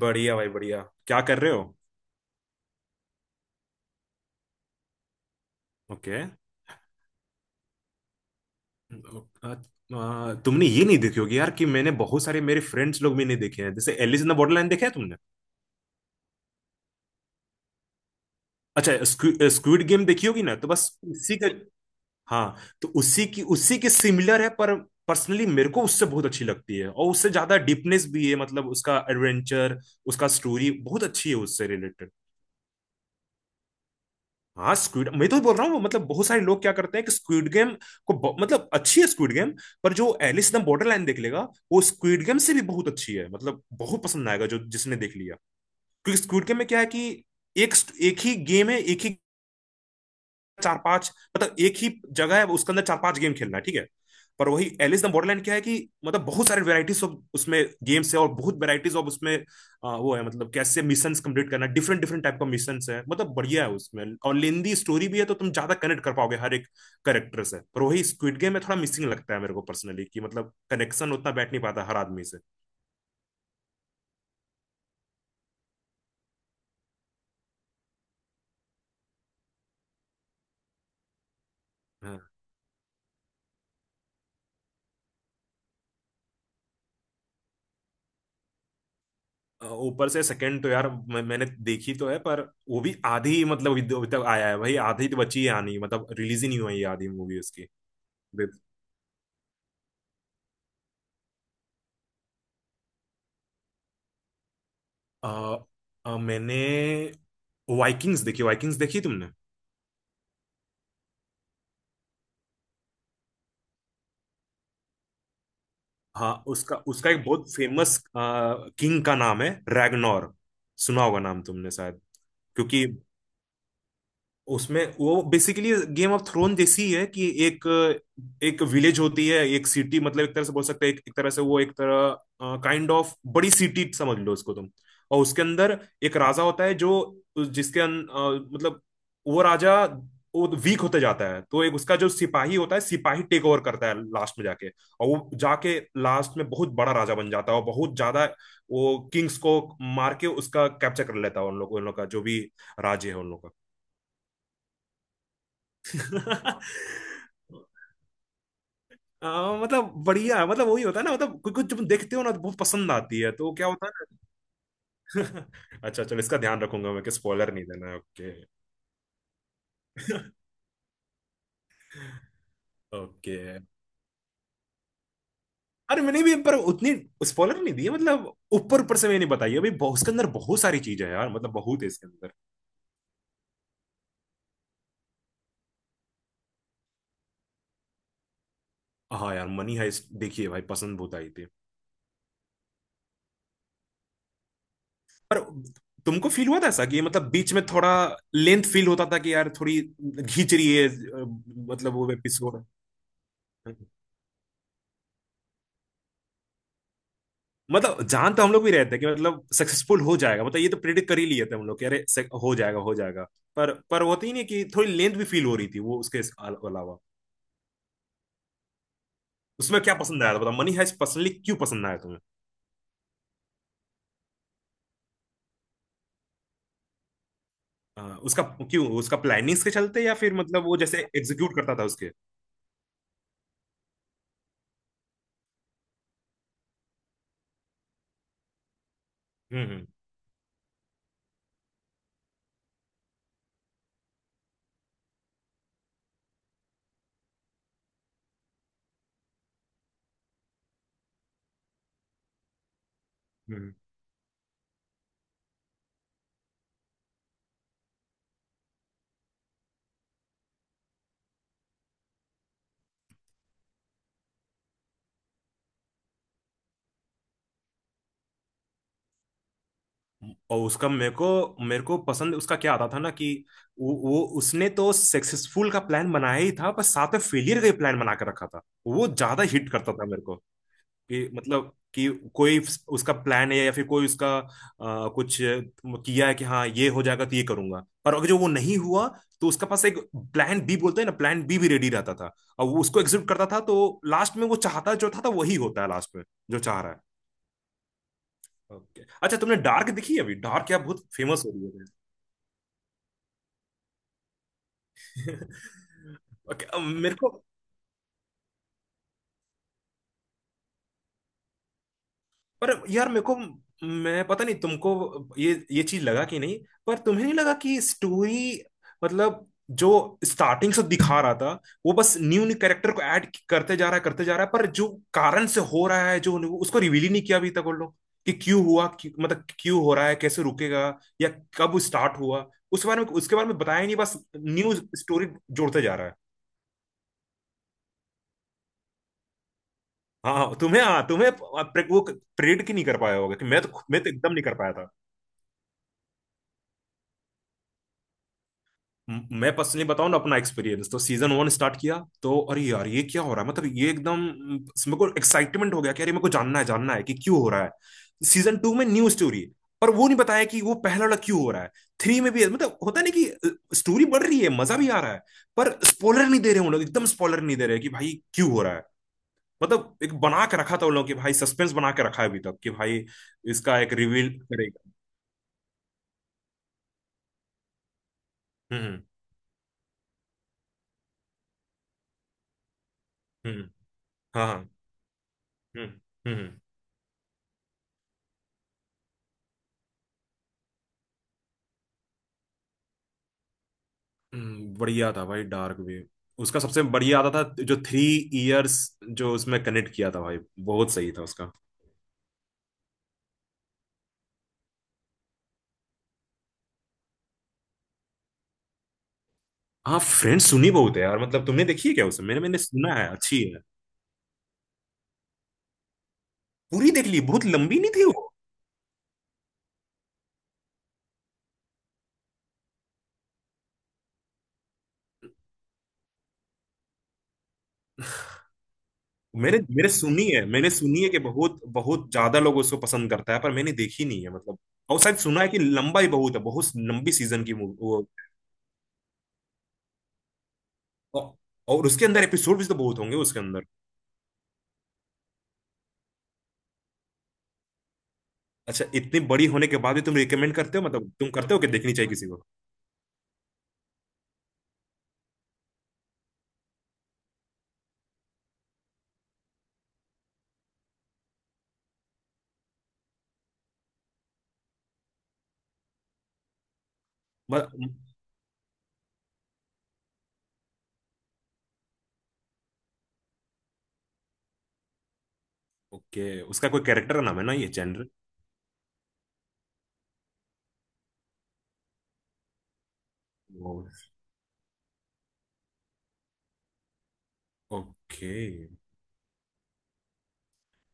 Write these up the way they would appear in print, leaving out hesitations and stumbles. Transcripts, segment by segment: बढ़िया भाई, बढ़िया। क्या कर रहे हो? ओके। तुमने ये नहीं देखी होगी यार कि मैंने बहुत सारे मेरे फ्रेंड्स लोग भी नहीं देखे हैं, जैसे एलिस इन द बॉर्डरलैंड। देखा है तुमने? अच्छा, स्क्विड स्क्विड गेम देखी होगी ना, तो बस उसी का। हाँ। तो उसी के सिमिलर है, पर पर्सनली मेरे को उससे बहुत अच्छी लगती है, और उससे ज्यादा डीपनेस भी है, मतलब उसका एडवेंचर, उसका स्टोरी बहुत अच्छी है उससे रिलेटेड। हाँ, स्क्विड मैं तो बोल रहा हूँ, मतलब बहुत सारे लोग क्या करते हैं कि स्क्विड गेम को मतलब अच्छी है स्क्विड गेम, पर जो एलिस इन द बॉर्डरलाइन देख लेगा, वो स्क्विड गेम से भी बहुत अच्छी है, मतलब बहुत पसंद आएगा जो जिसने देख लिया। क्योंकि स्क्विड गेम में क्या है कि एक एक ही गेम है, एक ही, चार पांच, मतलब एक ही जगह है, उसके अंदर चार पांच गेम खेलना है, ठीक है। पर वही एलिस द बॉर्डरलैंड क्या है कि मतलब बहुत सारे वेराइटीज ऑफ उसमें गेम्स है, और बहुत वेराइटीज ऑफ उसमें वो है, मतलब कैसे मिशंस कंप्लीट करना, डिफरेंट डिफरेंट टाइप का मिशंस है, मतलब बढ़िया है उसमें, और लेंदी स्टोरी भी है, तो तुम ज्यादा कनेक्ट कर पाओगे हर एक करेक्टर से। पर वही स्क्विड गेम में थोड़ा मिसिंग लगता है मेरे को पर्सनली, कि मतलब कनेक्शन उतना बैठ नहीं पाता हर आदमी से। हाँ। ऊपर से सेकंड तो यार, मैंने देखी तो है, पर वो भी आधी, मतलब अभी अभी तक आया है भाई, आधी तो बची है आनी, मतलब रिलीज ही नहीं हुई है आधी मूवी उसकी। देख, आ, आ, मैंने वाइकिंग्स देखी। वाइकिंग्स देखी तुमने? हाँ, उसका उसका एक बहुत फेमस किंग का नाम है, रैगनोर। सुना होगा नाम तुमने शायद, क्योंकि उसमें वो बेसिकली गेम ऑफ थ्रोन जैसी ही है, कि एक, एक विलेज होती है, एक सिटी, मतलब एक तरह से बोल सकते हैं, एक तरह से वो एक तरह काइंड ऑफ बड़ी सिटी समझ लो उसको तुम। और उसके अंदर एक राजा होता है, जो, मतलब वो राजा, वो वीक होते जाता है, तो एक उसका जो सिपाही होता है, सिपाही टेक ओवर करता है लास्ट में जाके, और वो जाके लास्ट में बहुत बड़ा राजा बन जाता है, और बहुत ज्यादा वो किंग्स को मार के उसका कैप्चर कर लेता है, उन लोग का जो भी राज्य है उन लोग का। मतलब बढ़िया, मतलब वही होता है ना, मतलब कुछ कुछ तुम देखते हो ना तो बहुत पसंद आती है, तो क्या होता है। ना। अच्छा चलो, इसका ध्यान रखूंगा मैं कि स्पॉइलर नहीं देना है। ओके। ओके। अरे मैंने भी पर उतनी स्पॉइलर नहीं दी है, मतलब ऊपर ऊपर से मैंने बताई है, अभी उसके अंदर बहुत सारी चीजें हैं यार, मतलब बहुत है इसके अंदर। हाँ यार, मनी हाइस्ट, देखिए भाई, पसंद बहुत आई थी। पर तुमको फील हुआ था ऐसा कि मतलब बीच में थोड़ा लेंथ फील होता था, कि यार थोड़ी खींच रही है, मतलब वो एपिसोड। मतलब जान तो हम लोग भी रहते हैं कि मतलब सक्सेसफुल हो जाएगा, मतलब ये तो प्रिडिक्ट कर ही लिए थे हम लोग कि अरे हो जाएगा, हो जाएगा। पर वो होती ही नहीं, कि थोड़ी लेंथ भी फील हो रही थी वो उसके अलावा। उसमें क्या पसंद आया था बताओ, मनी हाइस्ट पर्सनली क्यों पसंद आया तुम्हें? अ, उसका, क्यों, उसका प्लानिंग्स के चलते, या फिर मतलब वो जैसे एग्जीक्यूट करता था उसके? हम्म। हम्म। हम्म। और उसका मेरे को, पसंद उसका क्या आता था ना, कि वो उसने तो सक्सेसफुल का प्लान बनाया ही था, पर साथ में फेलियर का प्लान बना के रखा था, वो ज्यादा हिट करता था मेरे को, कि मतलब कि कोई उसका प्लान है, या फिर कोई उसका कुछ किया है, कि हाँ ये हो जाएगा तो ये करूंगा, पर अगर जो वो नहीं हुआ, तो उसका पास एक प्लान बी, बोलते हैं ना, प्लान बी भी रेडी रहता था, और वो उसको एग्जीक्यूट करता था, तो लास्ट में वो चाहता जो था वही होता है लास्ट में, जो चाह रहा है। ओके। अच्छा, तुमने डार्क देखी है? अभी डार्क क्या बहुत फेमस हो रही है। Okay, अब मेरे को, पर यार मेरे को, मैं पता नहीं तुमको ये चीज लगा कि नहीं, पर तुम्हें नहीं लगा कि स्टोरी, मतलब जो स्टार्टिंग से दिखा रहा था, वो बस न्यू न्यू कैरेक्टर को ऐड करते जा रहा है, करते जा रहा है, पर जो कारण से हो रहा है, जो उसको रिवील ही नहीं किया अभी तक वो लोग, कि क्यों हुआ, क्यों, मतलब क्यों हो रहा है, कैसे रुकेगा, या कब स्टार्ट हुआ, उस बारे में उसके बारे में बताया ही नहीं, बस न्यू स्टोरी जोड़ते जा रहा है। हाँ हाँ, तुम्हें, हाँ तुम्हें, वो प्रेडिक्ट ही नहीं कर पाया होगा कि मैं तो एकदम नहीं कर पाया था। मैं पर्सनली बताऊं ना अपना एक्सपीरियंस, तो सीजन वन स्टार्ट किया, तो अरे यार ये क्या हो रहा है, मतलब ये एकदम मेरे को एक्साइटमेंट हो गया कि अरे मेरे को जानना है कि क्यों हो रहा है। सीजन टू में न्यू स्टोरी है, पर वो नहीं बताया कि वो पहला वाला क्यों हो रहा है। थ्री में भी मतलब होता नहीं, कि स्टोरी बढ़ रही है, मजा भी आ रहा है, पर स्पॉइलर नहीं दे रहे उन लोग, एकदम स्पॉइलर नहीं दे रहे कि भाई क्यों हो रहा है, मतलब एक बना के रखा था उन लोगों कि भाई सस्पेंस बना के रखा है अभी तक, कि भाई इसका एक रिवील करेगा। हम्म। हम्म। हम्म। हाँ हाँ। हम्म। हम्म। हम्म। बढ़िया था भाई डार्क वेव। उसका सबसे बढ़िया आता था जो थ्री इयर्स, जो उसमें कनेक्ट किया था भाई, बहुत सही था उसका। हाँ, फ्रेंड्स सुनी बहुत है यार, मतलब तुमने देखी है क्या उसे? मैंने मैंने सुना है अच्छी है, पूरी देख ली? बहुत लंबी नहीं थी वो? मैंने मेरे सुनी है, कि बहुत बहुत ज्यादा लोग उसको पसंद करता है, पर मैंने देखी नहीं है मतलब। और शायद सुना है कि लंबा ही बहुत है, बहुत लंबी सीजन की वो, औ- और उसके अंदर एपिसोड भी तो बहुत होंगे उसके अंदर। अच्छा, इतनी बड़ी होने के बाद भी तुम रिकमेंड करते हो, मतलब तुम करते हो कि देखनी चाहिए किसी को? ओके। उसका कोई कैरेक्टर का नाम है ना, ये जनरल? ओके।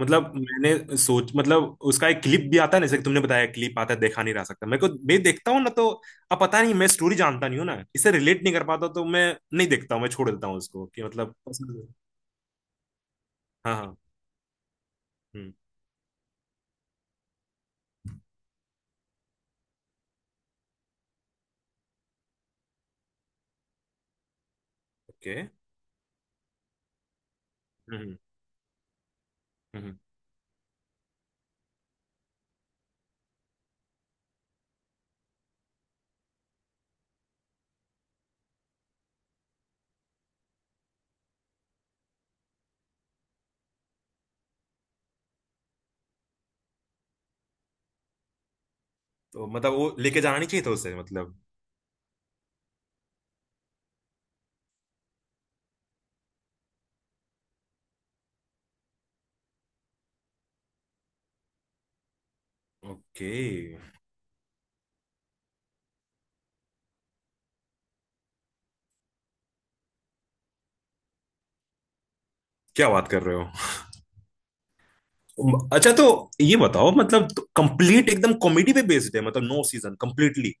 मतलब मैंने सोच, मतलब उसका एक क्लिप भी आता है ना, जैसे कि तुमने बताया, क्लिप आता है, देखा नहीं रह सकता मेरे को, मैं देखता हूँ ना तो अब पता नहीं, मैं स्टोरी जानता नहीं हूँ ना, इसे रिलेट नहीं कर पाता, तो मैं नहीं देखता हूँ, मैं छोड़ देता हूँ उसको कि मतलब पसंद है। हाँ हाँ। हम्म। ओके। हम्म। हम्म। हम्म। तो मतलब वो लेके जाना नहीं चाहिए था उसे मतलब। ओके। क्या बात कर रहे हो? अच्छा तो ये बताओ मतलब, कंप्लीट एकदम कॉमेडी पे बेस्ड है, मतलब नो सीजन कंप्लीटली?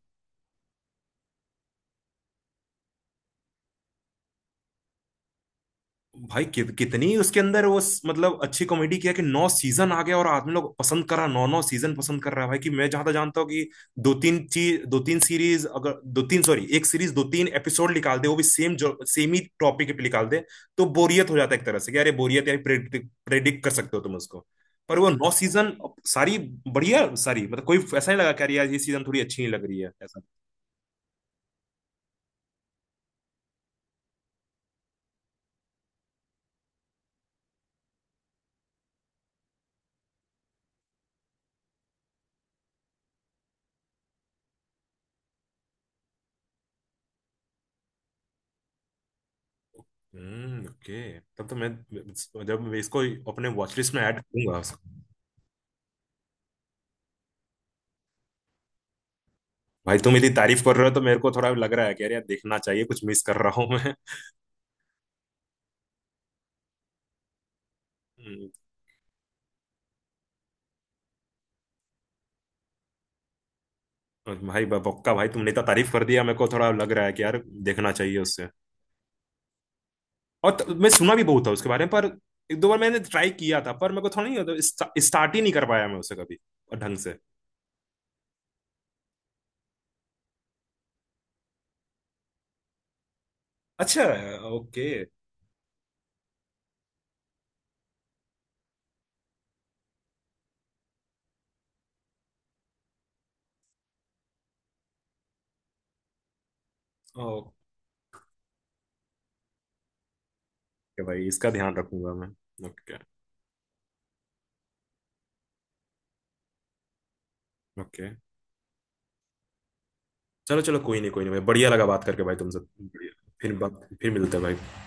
भाई कि, कितनी उसके अंदर वो मतलब अच्छी कॉमेडी किया कि नौ सीजन आ गया, और आदमी लोग पसंद कर रहा, नौ नौ सीजन पसंद कर रहा है भाई, कि मैं जहां तक जानता हूँ कि दो तीन चीज, दो तीन सीरीज, अगर दो तीन सॉरी एक सीरीज दो तीन एपिसोड निकाल दे, वो भी सेम ही टॉपिक पे निकाल दे, तो बोरियत हो जाता है एक तरह से, कि अरे बोरियत यार, प्रेडिक्ट प्रेडिक्ट कर सकते हो तुम उसको। पर वो नौ सीजन, सारी बढ़िया, सारी, मतलब कोई ऐसा नहीं लगा कि अरे यार ये सीजन थोड़ी अच्छी नहीं लग रही है, ऐसा। हम्म। ओके। तब तो मैं, जब मैं इसको अपने वॉच लिस्ट में ऐड करूंगा। भाई तुम इतनी तारीफ कर रहे हो तो मेरे को थोड़ा लग रहा है कि अरे यार देखना चाहिए, कुछ मिस कर रहा हूँ मैं। हम्म, और भाई बक्का भाई तुमने इतना तारीफ कर दिया, मेरे को थोड़ा लग रहा है कि यार देखना चाहिए उससे। और मैं सुना भी बहुत था उसके बारे में, पर एक दो बार मैंने ट्राई किया था, पर मेरे को थोड़ा नहीं होता, स्टार्ट ही नहीं कर पाया मैं उसे कभी और ढंग से। अच्छा। ओके। ओके। भाई इसका ध्यान रखूंगा मैं। ओके। ओके। चलो चलो, कोई नहीं, कोई नहीं भाई, बढ़िया लगा बात करके भाई तुमसे, बढ़िया। फिर बात, फिर मिलते हैं भाई।